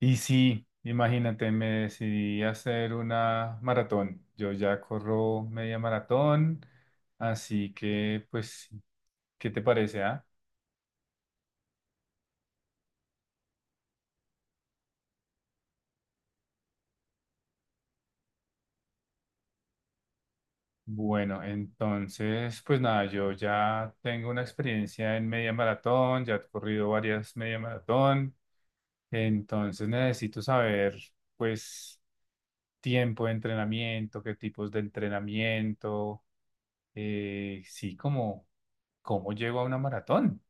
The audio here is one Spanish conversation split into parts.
Y sí, imagínate, me decidí a hacer una maratón. Yo ya corro media maratón, así que, pues, ¿qué te parece, ah? Bueno, entonces, pues nada, yo ya tengo una experiencia en media maratón, ya he corrido varias media maratón, entonces necesito saber, pues, tiempo de entrenamiento, qué tipos de entrenamiento, sí, cómo llego a una maratón.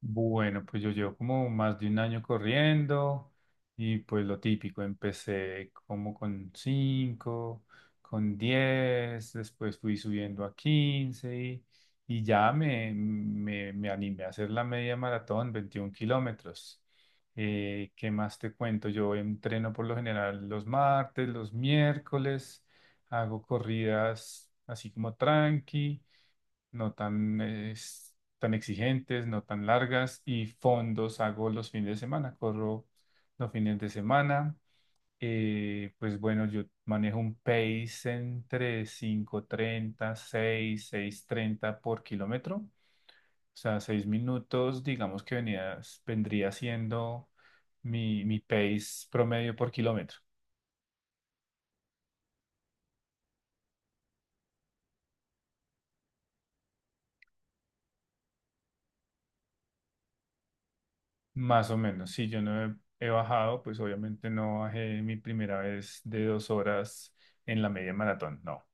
Bueno, pues yo llevo como más de un año corriendo y pues lo típico, empecé como con 5, con 10, después fui subiendo a 15 y ya me animé a hacer la media maratón, 21 kilómetros. ¿Qué más te cuento? Yo entreno por lo general los martes, los miércoles, hago corridas así como tranqui no tan exigentes, no tan largas y fondos hago los fines de semana, corro los fines de semana. Pues bueno, yo manejo un pace entre 5:30 seis treinta por kilómetro. O sea, 6 minutos, digamos que vendría siendo mi pace promedio por kilómetro. Más o menos, sí, yo no he bajado, pues obviamente no bajé mi primera vez de 2 horas en la media maratón, no.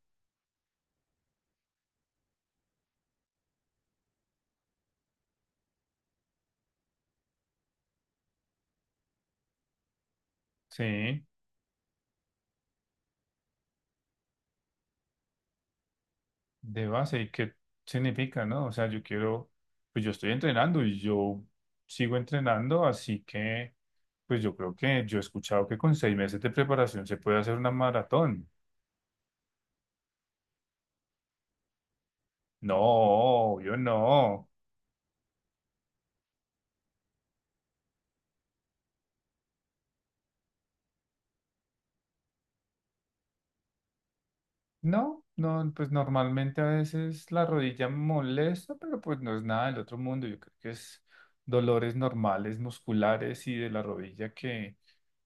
Sí, de base, ¿y qué significa, no? O sea, yo quiero, pues yo estoy entrenando y yo sigo entrenando, así que, pues yo creo que yo he escuchado que con 6 meses de preparación se puede hacer una maratón. No, yo no. No, no, pues normalmente a veces la rodilla molesta, pero pues no es nada del otro mundo. Yo creo que es dolores normales, musculares y de la rodilla que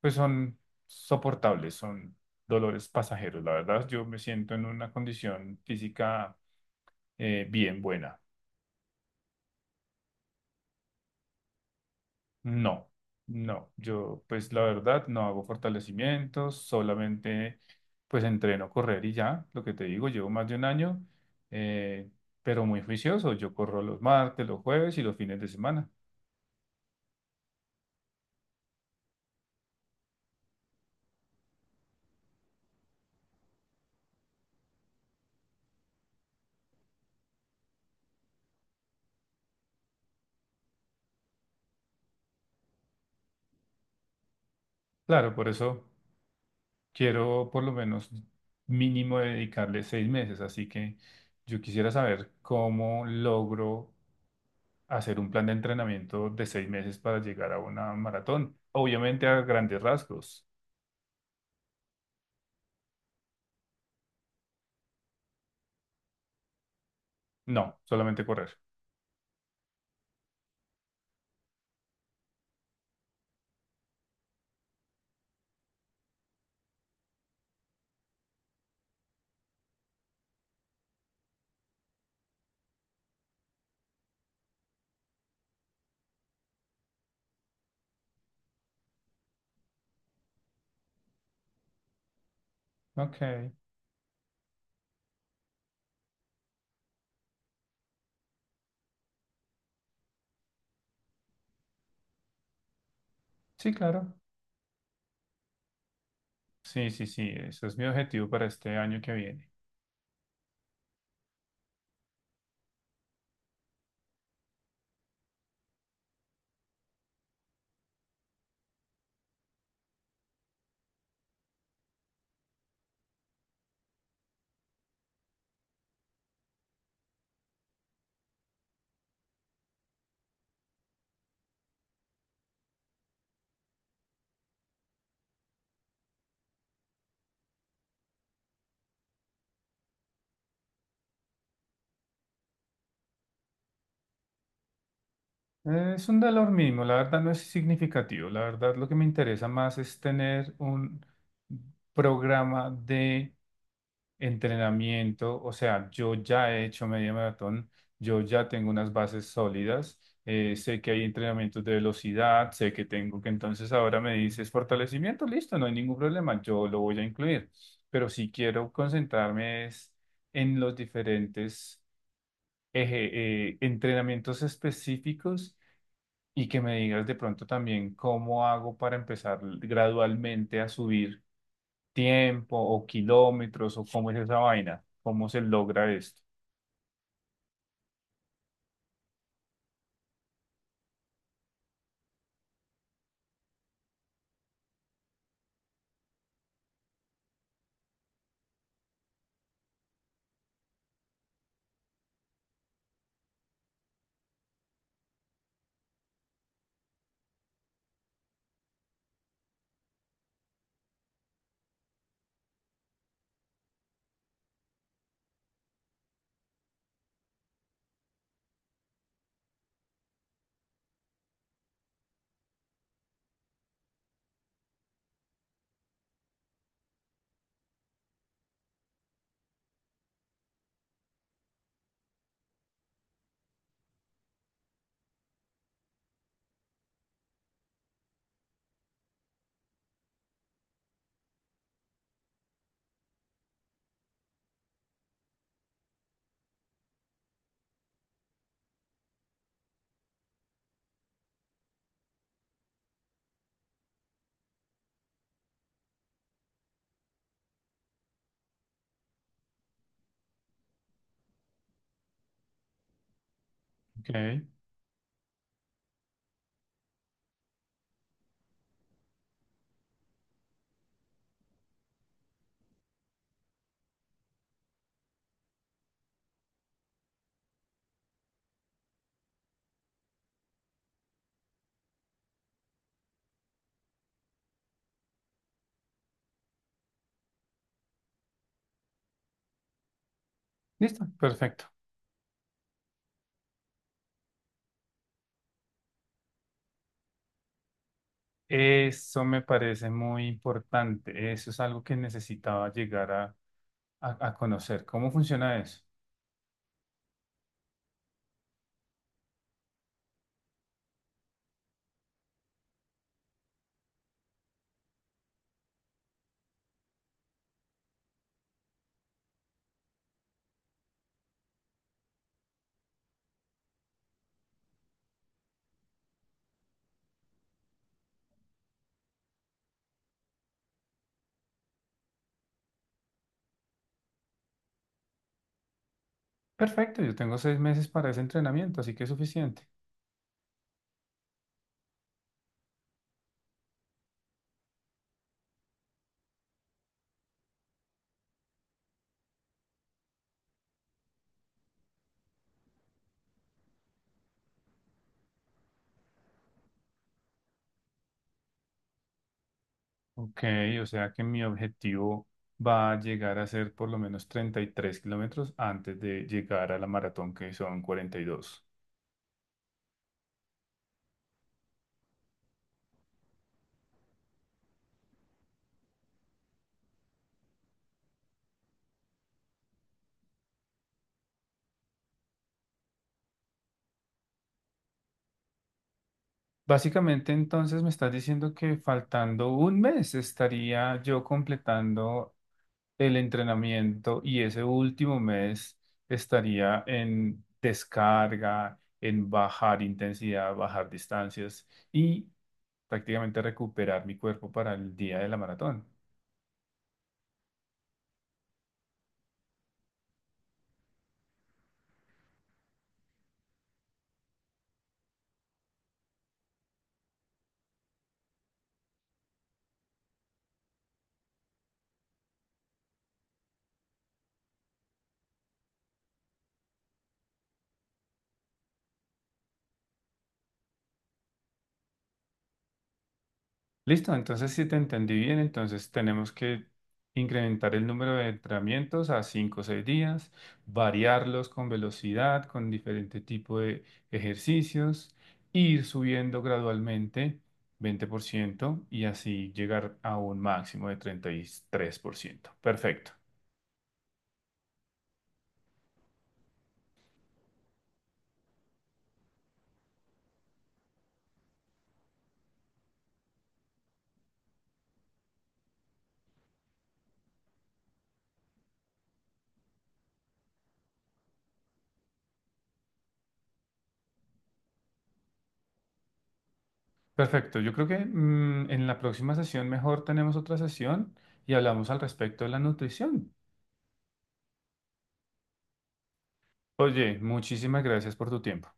pues son soportables, son dolores pasajeros. La verdad, yo me siento en una condición física bien buena. No, no, yo pues la verdad no hago fortalecimientos, solamente pues entreno correr y ya, lo que te digo, llevo más de un año, eh, pero muy juicioso, yo corro los martes, los jueves y los fines de semana. Claro, por eso quiero por lo menos mínimo dedicarle 6 meses, así que yo quisiera saber cómo logro hacer un plan de entrenamiento de 6 meses para llegar a una maratón, obviamente a grandes rasgos. No, solamente correr. Ok. Sí, claro. Sí, sí, sí, eso es mi objetivo para este año que viene. Es un valor mínimo, la verdad no es significativo. La verdad lo que me interesa más es tener un programa de entrenamiento. O sea, yo ya he hecho media maratón, yo ya tengo unas bases sólidas, sé que hay entrenamientos de velocidad, sé que tengo que entonces ahora me dices fortalecimiento, listo, no hay ningún problema, yo lo voy a incluir. Pero si quiero concentrarme es en los diferentes eje- entrenamientos específicos y que me digas de pronto también cómo hago para empezar gradualmente a subir tiempo o kilómetros o cómo es esa vaina, cómo se logra esto. Ok, listo, perfecto. Eso me parece muy importante. Eso es algo que necesitaba llegar a conocer. ¿Cómo funciona eso? Perfecto, yo tengo 6 meses para ese entrenamiento, así que es suficiente. Ok, o sea que mi objetivo va a llegar a ser por lo menos 33 kilómetros antes de llegar a la maratón, que son 42. Básicamente, entonces me estás diciendo que faltando un mes estaría yo completando el entrenamiento y ese último mes estaría en descarga, en bajar intensidad, bajar distancias y prácticamente recuperar mi cuerpo para el día de la maratón. Listo, entonces si te entendí bien, entonces tenemos que incrementar el número de entrenamientos a 5 o 6 días, variarlos con velocidad, con diferente tipo de ejercicios, ir subiendo gradualmente 20% y así llegar a un máximo de 33%. Perfecto, perfecto. Yo creo que en la próxima sesión mejor tenemos otra sesión y hablamos al respecto de la nutrición. Oye, muchísimas gracias por tu tiempo.